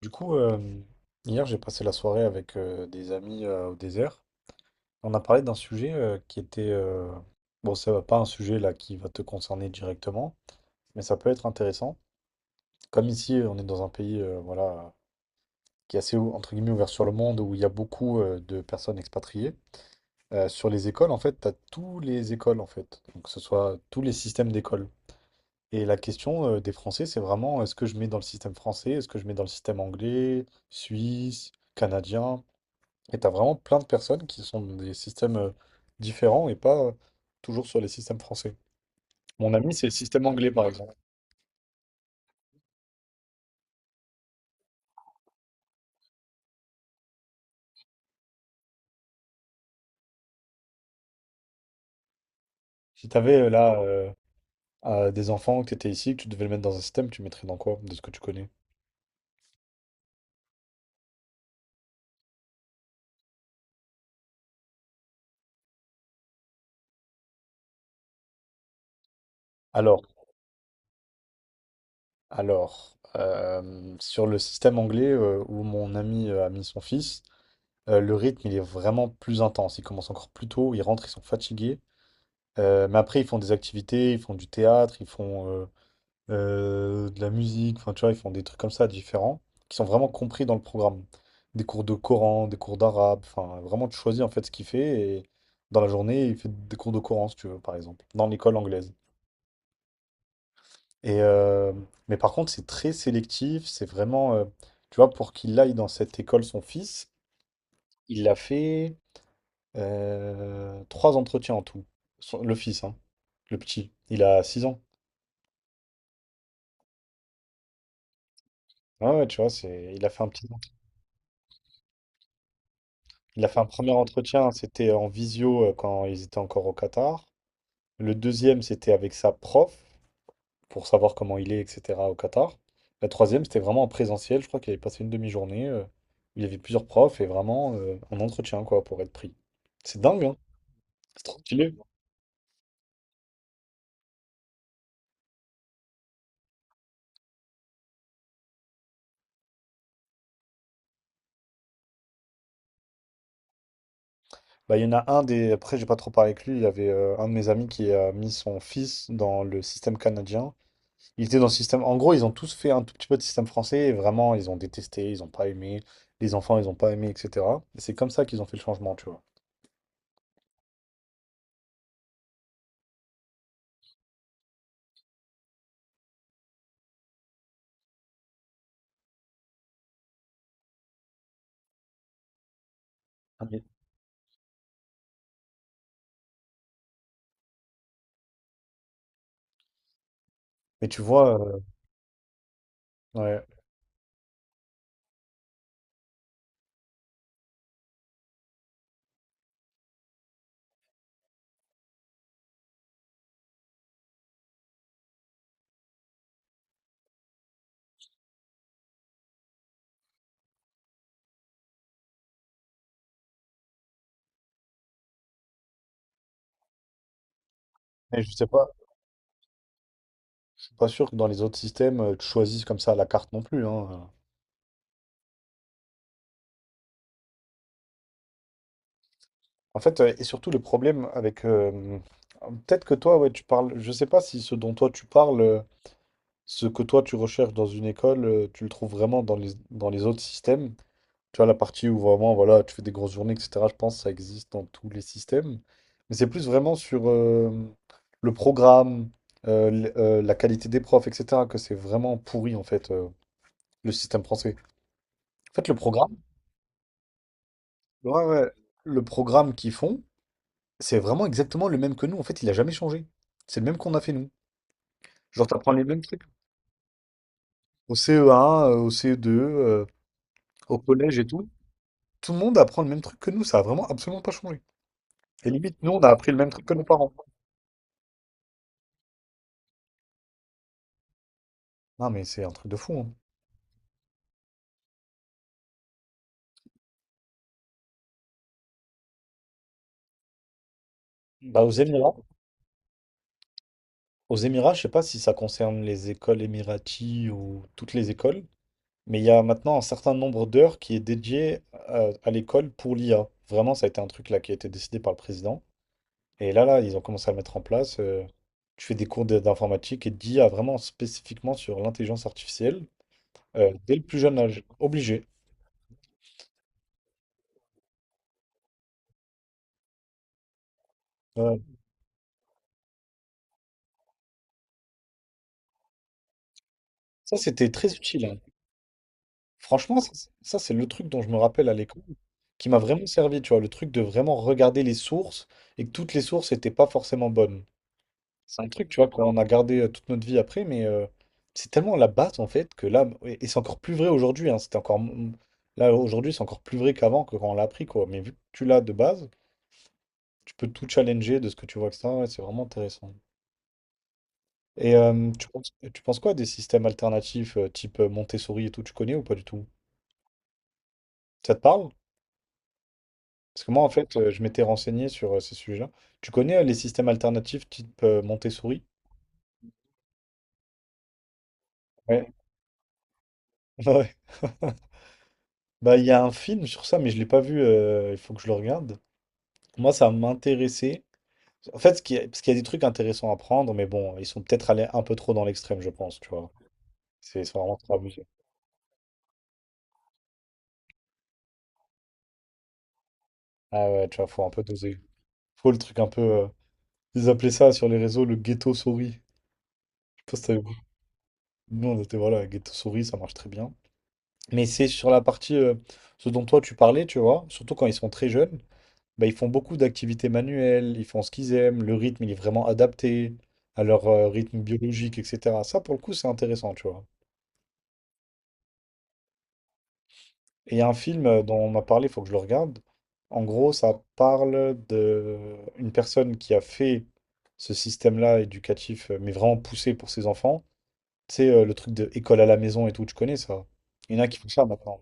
Du coup, hier, j'ai passé la soirée avec des amis au désert. On a parlé d'un sujet Bon, ça va pas, un sujet là qui va te concerner directement, mais ça peut être intéressant. Comme ici, on est dans un pays, voilà, qui est assez, entre guillemets, ouvert sur le monde, où il y a beaucoup de personnes expatriées. Sur les écoles, en fait, tu as tous les écoles, en fait. Donc, que ce soit tous les systèmes d'école. Et la question des Français, c'est vraiment, est-ce que je mets dans le système français, est-ce que je mets dans le système anglais, suisse, canadien? Et t'as vraiment plein de personnes qui sont dans des systèmes différents et pas toujours sur les systèmes français. Mon ami, c'est le système anglais, par exemple. Si t'avais là, des enfants, que t'étais ici, que tu devais le mettre dans un système, tu mettrais dans quoi, de ce que tu connais? Alors, alors, sur le système anglais où mon ami a mis son fils, le rythme il est vraiment plus intense. Ils commencent encore plus tôt, ils rentrent, ils sont fatigués. Mais après, ils font des activités, ils font du théâtre, ils font de la musique, enfin tu vois, ils font des trucs comme ça différents, qui sont vraiment compris dans le programme. Des cours de Coran, des cours d'arabe, enfin vraiment tu choisis en fait ce qu'il fait et dans la journée il fait des cours de Coran si tu veux par exemple, dans l'école anglaise. Et euh, mais par contre c'est très sélectif, c'est vraiment, tu vois, pour qu'il aille dans cette école son fils, il l'a fait trois entretiens en tout. Le fils, hein, le petit, il a 6 ans. Ouais, ouais, tu vois, c'est, il a fait un petit. Il a fait un premier entretien, c'était en visio quand ils étaient encore au Qatar. Le deuxième, c'était avec sa prof, pour savoir comment il est, etc. au Qatar. La troisième, c'était vraiment en présentiel. Je crois qu'il avait passé une demi-journée, où il y avait plusieurs profs et vraiment un entretien, quoi, pour être pris. C'est dingue, hein? C'est trop stylé. Bah, il y en a un des. Après, j'ai pas trop parlé avec lui. Il y avait un de mes amis qui a mis son fils dans le système canadien. Ils étaient dans le système. En gros, ils ont tous fait un tout petit peu de système français et vraiment, ils ont détesté, ils ont pas aimé, les enfants, ils ont pas aimé, etc. Et c'est comme ça qu'ils ont fait le changement, tu vois. Ah, mais- Mais tu vois, ouais. Mais je sais pas, je suis pas sûr que dans les autres systèmes, tu choisisses comme ça à la carte non plus, hein. En fait, et surtout le problème avec, peut-être que toi, ouais, tu parles. Je sais pas si ce dont toi tu parles, ce que toi tu recherches dans une école, tu le trouves vraiment dans les autres systèmes. Tu vois, la partie où vraiment, voilà, tu fais des grosses journées, etc. Je pense que ça existe dans tous les systèmes. Mais c'est plus vraiment sur le programme, la qualité des profs, etc. que c'est vraiment pourri, en fait, le système français. En fait, le programme, ouais, ouais, le programme qu'ils font, c'est vraiment exactement le même que nous. En fait, il a jamais changé. C'est le même qu'on a fait nous. Genre, t'apprends les mêmes trucs au CE1, au CE2, au collège et tout. Tout le monde apprend le même truc que nous. Ça a vraiment absolument pas changé. Et limite, nous, on a appris le même truc que nos parents. Non, mais c'est un truc de fou, hein. Bah, aux Émirats, je sais pas si ça concerne les écoles émiraties ou toutes les écoles, mais il y a maintenant un certain nombre d'heures qui est dédié à l'école pour l'IA. Vraiment, ça a été un truc là qui a été décidé par le président. Et là, ils ont commencé à le mettre en place. Tu fais des d'informatique et d'IA vraiment spécifiquement sur l'intelligence artificielle, dès le plus jeune âge, obligé. Euh, Ça, c'était très utile, hein. Franchement, ça, c'est le truc dont je me rappelle à l'école qui m'a vraiment servi, tu vois, le truc de vraiment regarder les sources et que toutes les sources n'étaient pas forcément bonnes. C'est un truc, tu vois, qu'on a gardé toute notre vie après, mais c'est tellement la base en fait que là, et c'est encore plus vrai aujourd'hui, hein, là aujourd'hui, c'est encore plus vrai qu'avant, que quand on l'a appris, quoi. Mais vu que tu l'as de base, tu peux tout challenger de ce que tu vois, ça, c'est vraiment intéressant. Tu penses, tu penses quoi des systèmes alternatifs, type Montessori et tout, tu connais ou pas du tout? Ça te parle? Parce que moi, en fait, je m'étais renseigné sur ces sujets-là. Tu connais les systèmes alternatifs type Montessori? Ouais. Ouais. Bah, il y a un film sur ça, mais je l'ai pas vu. Il faut que je le regarde. Moi, ça m'intéressait. En fait, parce qu'il y a des trucs intéressants à prendre, mais bon, ils sont peut-être allés un peu trop dans l'extrême, je pense, tu vois. C'est vraiment trop abusé. Ah ouais, tu vois, faut un peu doser. Faut le truc un peu. Ils appelaient ça sur les réseaux le ghetto souris. Je sais pas si t'avais vu. Nous, on était, voilà, ghetto souris, ça marche très bien. Mais c'est sur la partie ce dont toi tu parlais, tu vois, surtout quand ils sont très jeunes, bah, ils font beaucoup d'activités manuelles, ils font ce qu'ils aiment, le rythme il est vraiment adapté à leur rythme biologique, etc. Ça pour le coup c'est intéressant, tu vois. Et il y a un film dont on m'a parlé, il faut que je le regarde. En gros, ça parle de une personne qui a fait ce système-là éducatif, mais vraiment poussé pour ses enfants. C'est le truc de école à la maison et tout, tu connais ça? Il y en a qui font ça maintenant.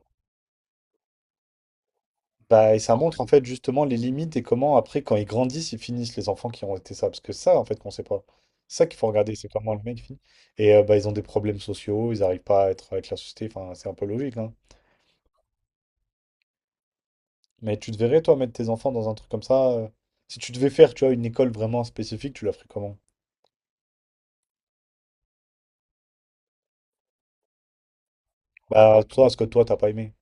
Bah, et ça montre en fait justement les limites, et comment après quand ils grandissent ils finissent, les enfants qui ont été ça, parce que ça, en fait, qu'on sait pas, c'est ça qu'il faut regarder, c'est comment le mec finit. Et bah ils ont des problèmes sociaux, ils arrivent pas à être avec la société, enfin c'est un peu logique, hein. Mais tu te verrais toi mettre tes enfants dans un truc comme ça, si tu devais faire tu vois une école vraiment spécifique tu la ferais comment? Bah toi, ce que toi t'as pas aimé.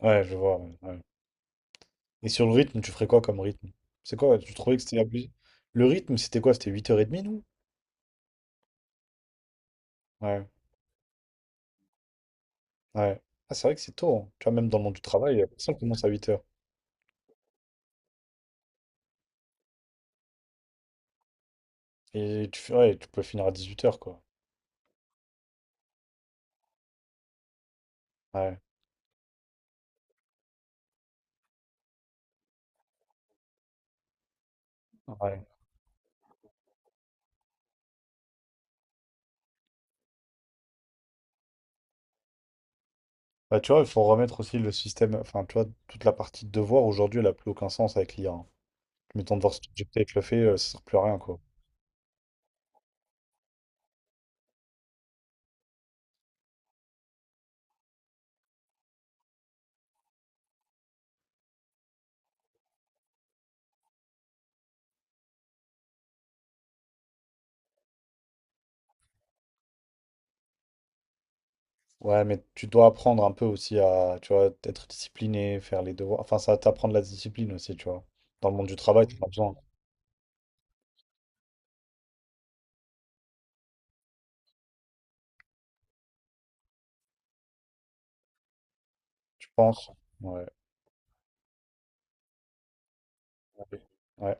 Ouais je vois, ouais, ouais. Et sur le rythme, tu ferais quoi comme rythme? C'est quoi? Tu trouvais que c'était abusé? Le rythme, c'était quoi? C'était 8h30, nous? Ouais, ouais. Ah, c'est vrai que c'est tôt, hein. Tu vois, même dans le monde du travail, la personne commence à 8h. Et ouais, tu peux finir à 18h quoi. Ouais, ouais. Bah, tu vois, il faut remettre aussi le système. Enfin, tu vois, toute la partie de devoir, aujourd'hui, elle n'a plus aucun sens avec l'IA, hein. Mais ton devoir subjecté avec le fait, ça sert plus à rien, quoi. Ouais, mais tu dois apprendre un peu aussi à, tu vois, être discipliné, faire les devoirs. Enfin, ça va t'apprendre la discipline aussi, tu vois. Dans le monde du travail, tu en as besoin. Tu penses? Ouais. Ouais. Ouais.